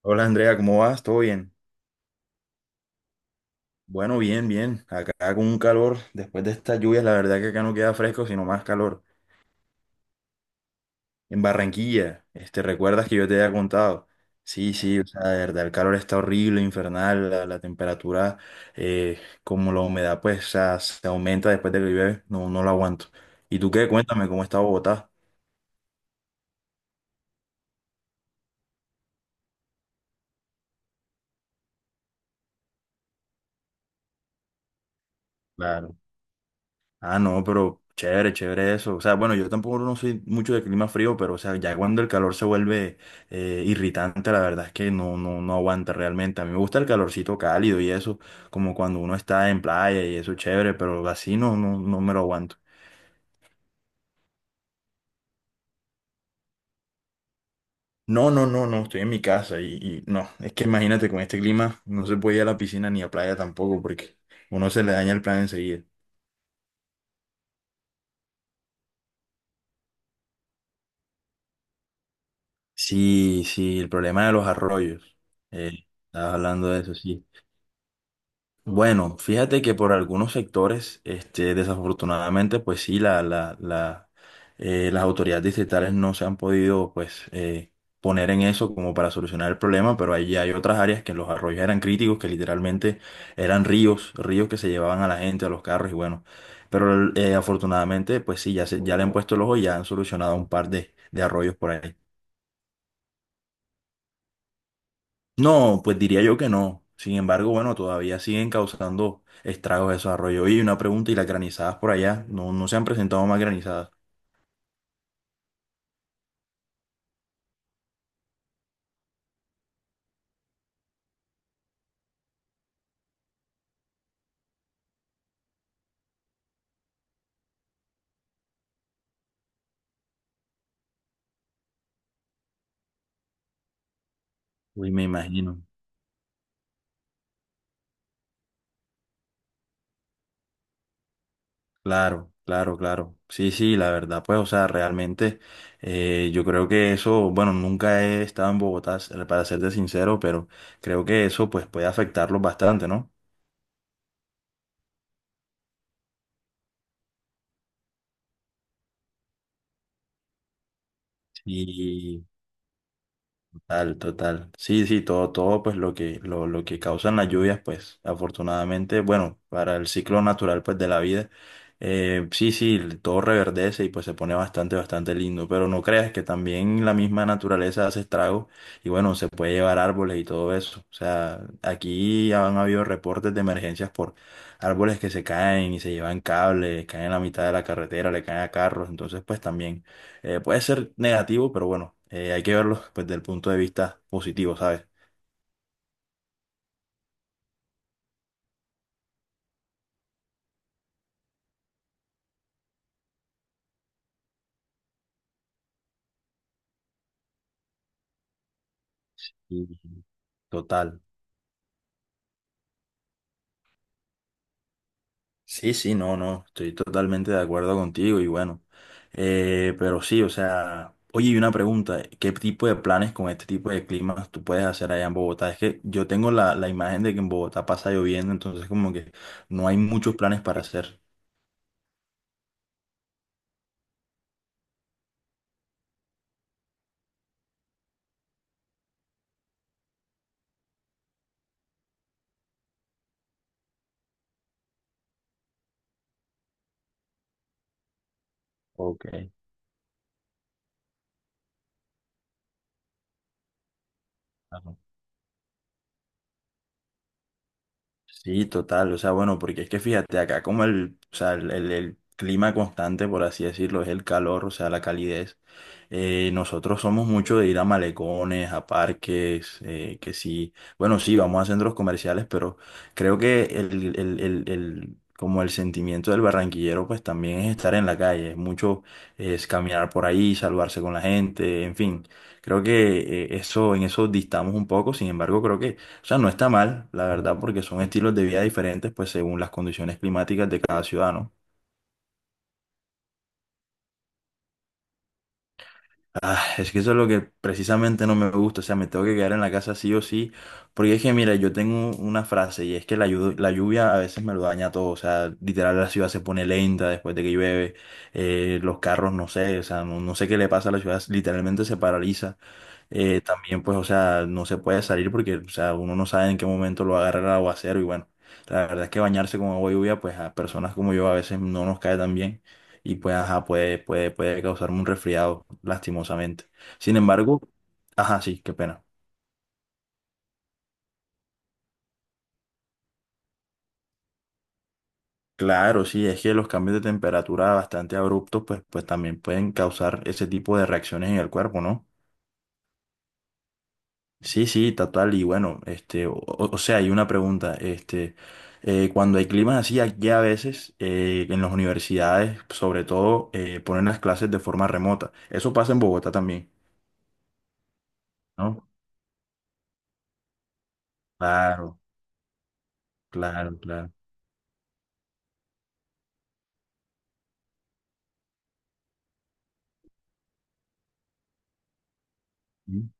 Hola Andrea, ¿cómo vas? ¿Todo bien? Bueno, bien, bien. Acá con un calor, después de estas lluvias, la verdad que acá no queda fresco, sino más calor. En Barranquilla, ¿recuerdas que yo te había contado? Sí, sí, o sea, de verdad, el calor está horrible, infernal, la temperatura, como la humedad, pues, o sea, se aumenta después de que llueve, no, no lo aguanto. ¿Y tú qué? Cuéntame, ¿cómo está Bogotá? Ah, no, pero chévere, chévere eso. O sea, bueno, yo tampoco no soy mucho de clima frío, pero o sea, ya cuando el calor se vuelve irritante, la verdad es que no, no, no aguanta realmente. A mí me gusta el calorcito cálido y eso, como cuando uno está en playa y eso chévere, pero así no, no, no me lo aguanto. No, no, no, no, estoy en mi casa y, no, es que imagínate con este clima no se puede ir a la piscina ni a playa tampoco porque uno se le daña el plan enseguida. Sí, sí, el problema de los arroyos. Eh, Estabas hablando de eso, sí. Bueno, fíjate que por algunos sectores, desafortunadamente, pues sí, la las autoridades distritales no se han podido, pues, poner en eso como para solucionar el problema, pero allí hay otras áreas que los arroyos eran críticos, que literalmente eran ríos, ríos que se llevaban a la gente, a los carros y bueno, pero afortunadamente, pues sí, ya le han puesto el ojo y ya han solucionado un par de arroyos por ahí. No, pues diría yo que no. Sin embargo, bueno, todavía siguen causando estragos esos arroyos. Y una pregunta, ¿y las granizadas por allá? No, no se han presentado más granizadas. Uy, me imagino. Claro, claro, claro. Sí, sí, la verdad, pues, o sea, realmente yo creo que eso, bueno, nunca he estado en Bogotá, para serte sincero, pero creo que eso, pues, puede afectarlos bastante, ¿no? Sí. Total, total. Sí, sí, todo, todo, pues lo que causan las lluvias, pues afortunadamente, bueno, para el ciclo natural, pues de la vida, sí, sí, todo reverdece y pues se pone bastante, bastante lindo, pero no creas que también la misma naturaleza hace estragos y bueno, se puede llevar árboles y todo eso. O sea, aquí ya han habido reportes de emergencias por árboles que se caen y se llevan cables, caen en la mitad de la carretera, le caen a carros, entonces pues también. Puede ser negativo, pero bueno, hay que verlo, pues, desde el punto de vista positivo, ¿sabes? Sí. Total. Sí, sí, no, no, estoy totalmente de acuerdo contigo y bueno, pero sí, o sea, oye, y una pregunta, ¿qué tipo de planes con este tipo de climas tú puedes hacer allá en Bogotá? Es que yo tengo la imagen de que en Bogotá pasa lloviendo, entonces como que no hay muchos planes para hacer. Ok. Ajá. Sí, total, o sea, bueno, porque es que fíjate, acá como el, o sea, el clima constante, por así decirlo, es el calor, o sea, la calidez, nosotros somos mucho de ir a malecones, a parques, que sí, bueno, sí, vamos a centros comerciales, pero creo que como el sentimiento del barranquillero, pues también es estar en la calle, es mucho, es caminar por ahí, salvarse con la gente, en fin, creo que en eso distamos un poco, sin embargo, creo que, o sea, no está mal, la verdad, porque son estilos de vida diferentes, pues según las condiciones climáticas de cada ciudadano. Ah, es que eso es lo que precisamente no me gusta, o sea, me tengo que quedar en la casa sí o sí, porque es que, mira, yo tengo una frase y es que la lluvia a veces me lo daña todo, o sea, literal la ciudad se pone lenta después de que llueve, los carros, no sé, o sea, no, no sé qué le pasa a la ciudad, literalmente se paraliza. También, pues, o sea, no se puede salir porque, o sea, uno no sabe en qué momento lo agarra el aguacero y bueno, la verdad es que bañarse con agua lluvia, pues a personas como yo a veces no nos cae tan bien y pues, ajá, puede causarme un resfriado, lastimosamente. Sin embargo, ajá, sí, qué pena. Claro, sí, es que los cambios de temperatura bastante abruptos, pues también pueden causar ese tipo de reacciones en el cuerpo, ¿no? Sí, sí, total, y bueno, o sea, hay una pregunta, cuando hay climas así, aquí a veces, en las universidades, sobre todo, ponen las clases de forma remota. Eso pasa en Bogotá también, ¿no? Claro, claro, claro. ¿Sí?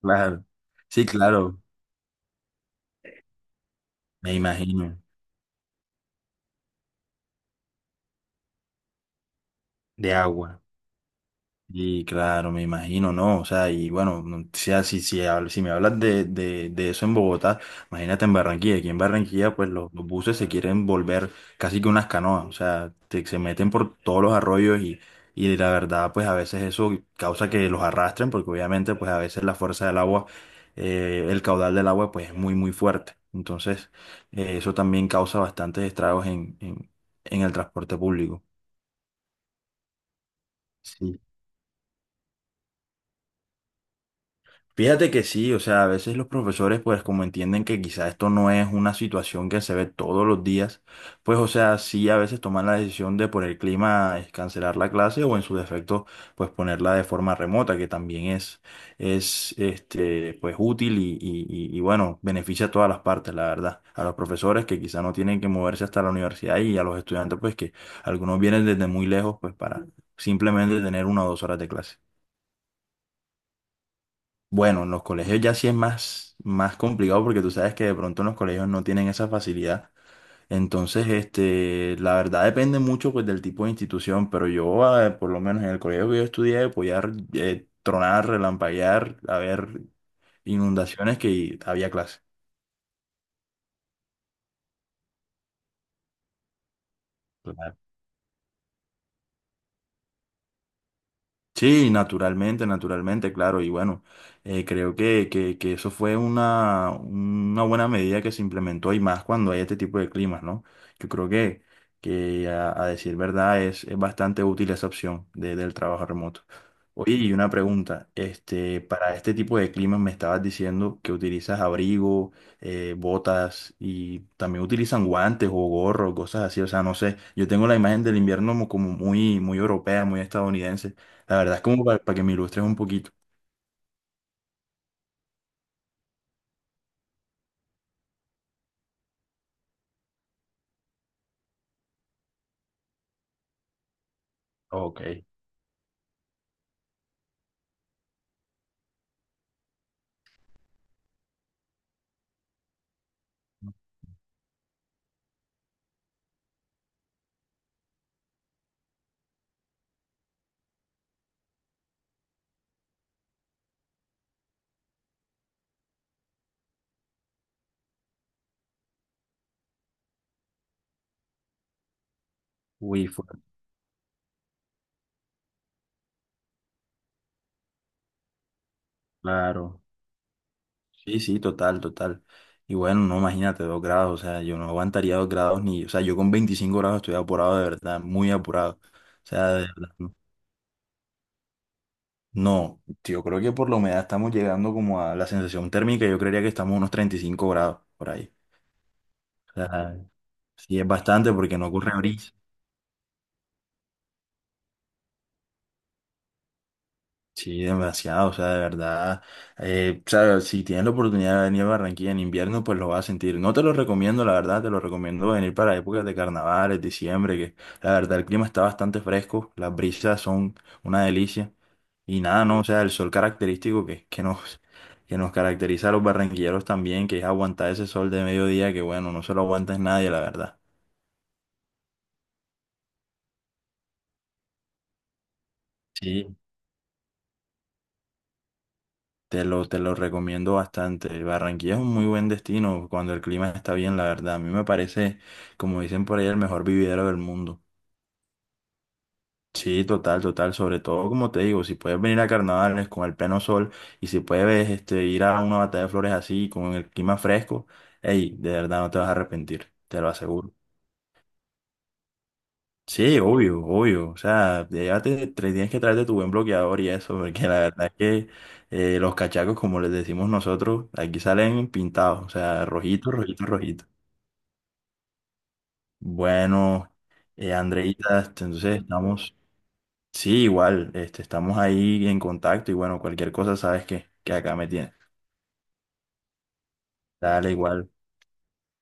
Claro, sí, claro. Me imagino. De agua. Y claro, me imagino, ¿no? O sea, y bueno, si me hablas de eso en Bogotá, imagínate en Barranquilla. Aquí en Barranquilla, pues los buses se quieren volver casi que unas canoas. O sea, se meten por todos los arroyos y, la verdad, pues a veces eso causa que los arrastren, porque obviamente, pues a veces la fuerza del agua, el caudal del agua, pues es muy, muy fuerte. Entonces, eso también causa bastantes estragos en, en el transporte público. Sí. Fíjate que sí, o sea, a veces los profesores, pues como entienden que quizá esto no es una situación que se ve todos los días, pues o sea, sí a veces toman la decisión de por el clima, cancelar la clase o en su defecto, pues ponerla de forma remota, que también es pues útil y bueno, beneficia a todas las partes, la verdad. A los profesores que quizá no tienen que moverse hasta la universidad y a los estudiantes, pues que algunos vienen desde muy lejos, pues para simplemente tener una o dos horas de clase. Bueno, en los colegios ya sí es más, más complicado porque tú sabes que de pronto en los colegios no tienen esa facilidad. Entonces, la verdad depende mucho, pues, del tipo de institución, pero yo, por lo menos en el colegio que yo estudié podía, tronar, relampaguear, haber inundaciones, que había clase. Sí, naturalmente, naturalmente, claro. Y bueno, creo que eso fue una buena medida que se implementó y más cuando hay este tipo de climas, ¿no? Yo creo que a decir verdad, es bastante útil esa opción del trabajo remoto. Oye, y una pregunta, para este tipo de climas me estabas diciendo que utilizas abrigo, botas, y también utilizan guantes o gorros, cosas así, o sea, no sé, yo tengo la imagen del invierno como muy, muy europea, muy estadounidense. La verdad es como para que me ilustres un poquito. Ok. Uy, fue claro. Sí, sí, total, total. Y bueno, no, imagínate, 2 grados, o sea, yo no aguantaría 2 grados ni, o sea, yo con 25 grados estoy apurado de verdad, muy apurado. O sea, de verdad, no, no, yo creo que por la humedad estamos llegando como a la sensación térmica, yo creería que estamos a unos 35 grados por ahí. O sea, sí es bastante porque no ocurre brisa. Sí, demasiado, o sea, de verdad, o sea, si tienes la oportunidad de venir a Barranquilla en invierno, pues lo vas a sentir. No te lo recomiendo, la verdad, te lo recomiendo venir para épocas de carnavales, diciembre, que la verdad el clima está bastante fresco, las brisas son una delicia, y nada, no, o sea, el sol característico que nos caracteriza a los barranquilleros también, que es aguantar ese sol de mediodía, que bueno, no se lo aguantas nadie, la verdad. Sí, te lo recomiendo bastante. Barranquilla es un muy buen destino cuando el clima está bien, la verdad. A mí me parece, como dicen por ahí, el mejor vividero del mundo. Sí, total, total. Sobre todo, como te digo, si puedes venir a carnavales con el pleno sol y si puedes, ir a una batalla de flores así, con el clima fresco, hey, de verdad no te vas a arrepentir, te lo aseguro. Sí, obvio, obvio. O sea, llévate, tienes que traerte tu buen bloqueador y eso, porque la verdad es que, los cachacos, como les decimos nosotros, aquí salen pintados, o sea, rojito, rojito, rojito. Bueno, Andreita, entonces estamos, sí, igual, estamos ahí en contacto y bueno, cualquier cosa sabes que acá me tienes. Dale, igual.